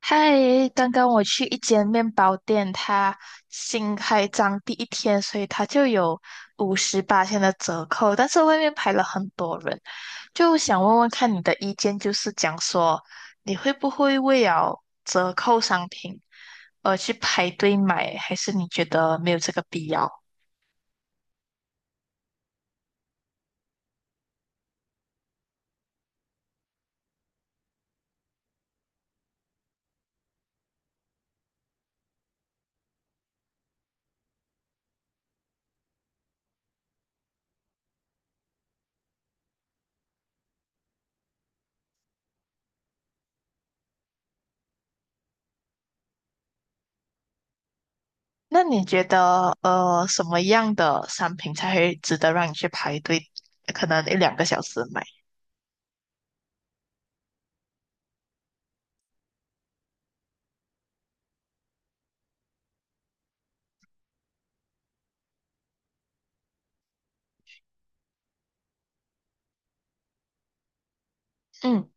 嗨，刚刚我去一间面包店，它新开张第一天，所以它就有58天的折扣，但是外面排了很多人，就想问问看你的意见，就是讲说你会不会为了折扣商品而去排队买，还是你觉得没有这个必要？那你觉得什么样的商品才会值得让你去排队，可能一两个小时买？嗯。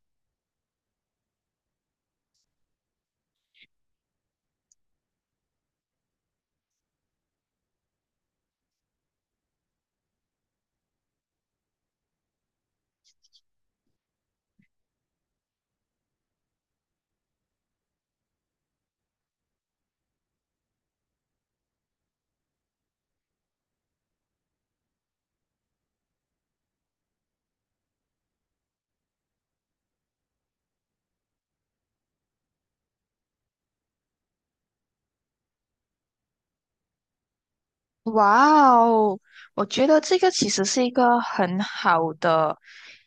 哇哦，我觉得这个其实是一个很好的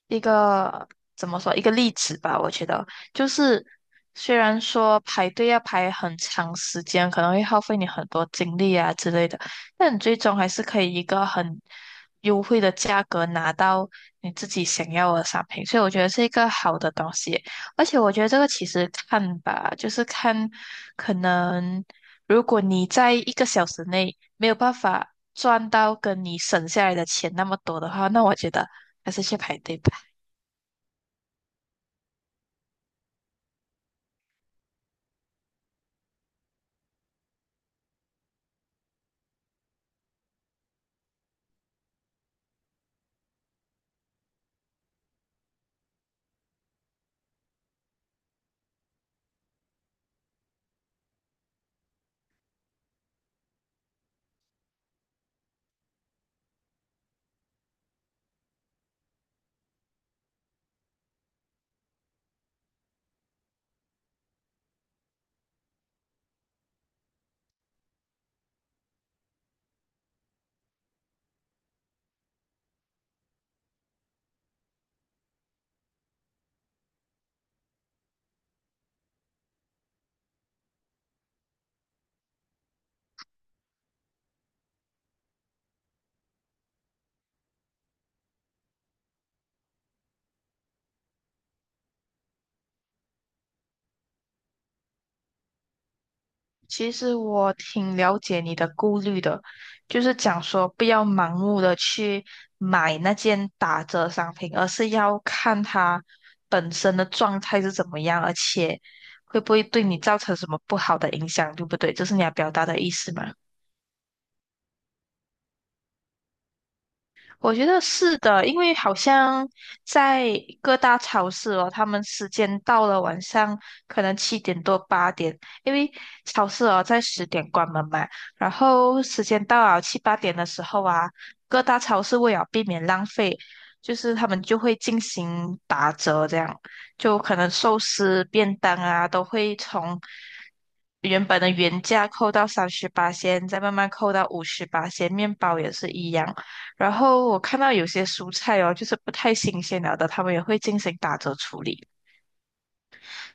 一个怎么说一个例子吧。我觉得就是虽然说排队要排很长时间，可能会耗费你很多精力啊之类的，但你最终还是可以一个很优惠的价格拿到你自己想要的商品，所以我觉得是一个好的东西。而且我觉得这个其实看吧，就是看可能。如果你在1个小时内没有办法赚到跟你省下来的钱那么多的话，那我觉得还是去排队吧。其实我挺了解你的顾虑的，就是讲说不要盲目的去买那件打折商品，而是要看它本身的状态是怎么样，而且会不会对你造成什么不好的影响，对不对？这是你要表达的意思吗？我觉得是的，因为好像在各大超市哦，他们时间到了晚上可能7点多8点，因为超市哦在10点关门嘛，然后时间到了七八点的时候啊，各大超市为了避免浪费，就是他们就会进行打折，这样就可能寿司、便当啊都会从原本的原价扣到38先，再慢慢扣到58先，面包也是一样。然后我看到有些蔬菜哦，就是不太新鲜了的，他们也会进行打折处理。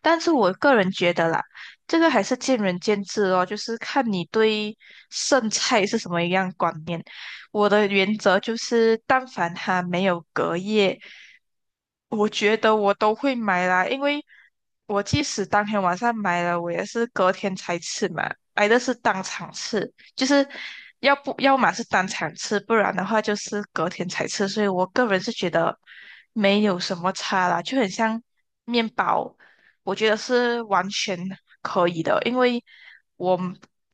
但是我个人觉得啦，这个还是见仁见智哦，就是看你对剩菜是什么样观念。我的原则就是，但凡它没有隔夜，我觉得我都会买啦，因为我即使当天晚上买了，我也是隔天才吃嘛，买的是当场吃，就是要不要么是当场吃，不然的话就是隔天才吃，所以我个人是觉得没有什么差啦，就很像面包，我觉得是完全可以的，因为我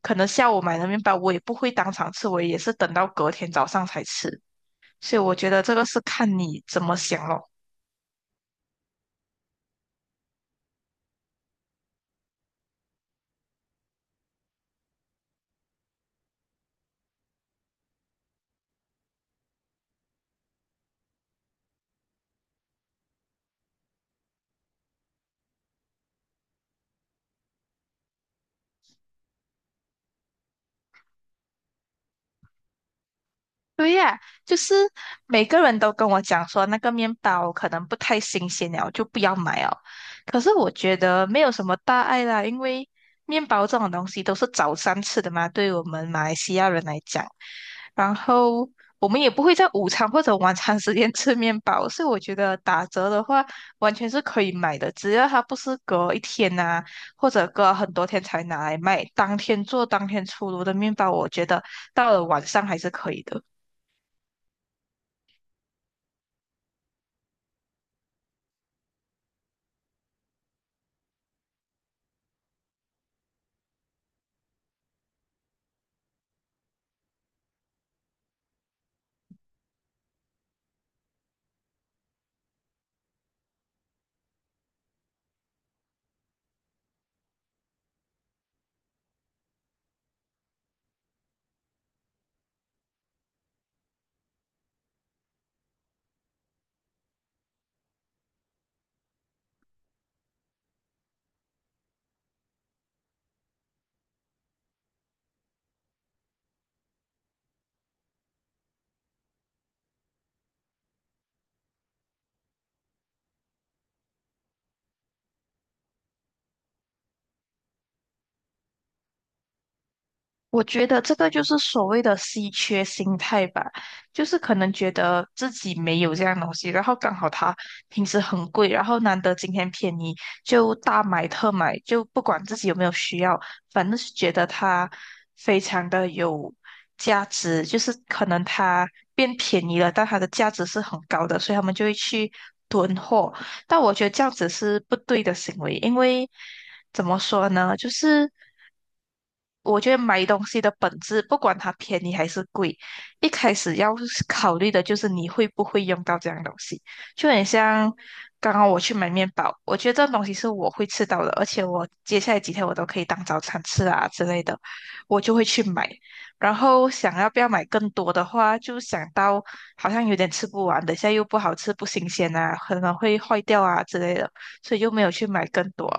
可能下午买的面包，我也不会当场吃，我也是等到隔天早上才吃，所以我觉得这个是看你怎么想咯。对呀，就是每个人都跟我讲说那个面包可能不太新鲜了，就不要买哦。可是我觉得没有什么大碍啦，因为面包这种东西都是早餐吃的嘛，对我们马来西亚人来讲，然后我们也不会在午餐或者晚餐时间 吃面包，所以我觉得打折的话完全是可以买的，只要它不是隔一天呐、或者隔很多天才拿来卖，当天做当天出炉的面包，我觉得到了晚上还是可以的。我觉得这个就是所谓的稀缺心态吧，就是可能觉得自己没有这样东西，然后刚好它平时很贵，然后难得今天便宜，就大买特买，就不管自己有没有需要，反正是觉得它非常的有价值，就是可能它变便宜了，但它的价值是很高的，所以他们就会去囤货。但我觉得这样子是不对的行为，因为怎么说呢，就是。我觉得买东西的本质，不管它便宜还是贵，一开始要是考虑的就是你会不会用到这样东西。就很像刚刚我去买面包，我觉得这种东西是我会吃到的，而且我接下来几天我都可以当早餐吃啊之类的，我就会去买。然后想要不要买更多的话，就想到好像有点吃不完，等一下又不好吃、不新鲜啊，可能会坏掉啊之类的，所以就没有去买更多。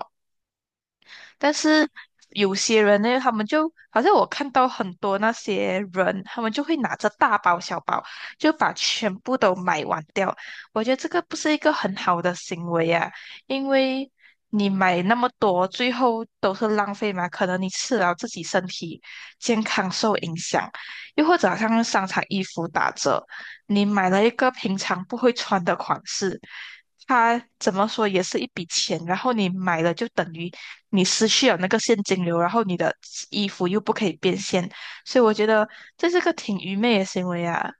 但是有些人呢，他们就好像我看到很多那些人，他们就会拿着大包小包，就把全部都买完掉。我觉得这个不是一个很好的行为啊，因为你买那么多，最后都是浪费嘛。可能你吃了自己身体健康受影响，又或者好像商场衣服打折，你买了一个平常不会穿的款式。它怎么说也是一笔钱，然后你买了就等于你失去了那个现金流，然后你的衣服又不可以变现，所以我觉得这是个挺愚昧的行为啊。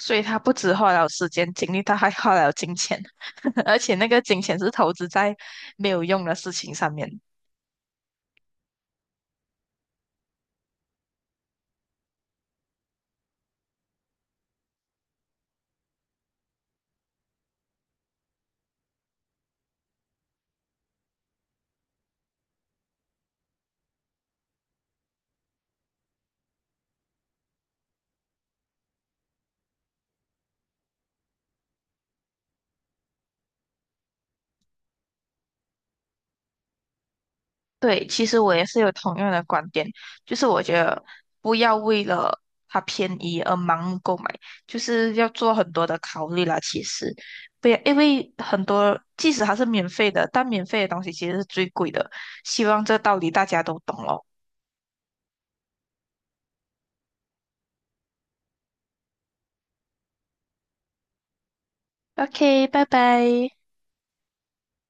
所以他不止花了时间精力，他还花了金钱，而且那个金钱是投资在没有用的事情上面。对，其实我也是有同样的观点，就是我觉得不要为了它便宜而盲目购买，就是要做很多的考虑啦。其实，不要，因为很多即使它是免费的，但免费的东西其实是最贵的。希望这道理大家都懂咯。OK，拜拜。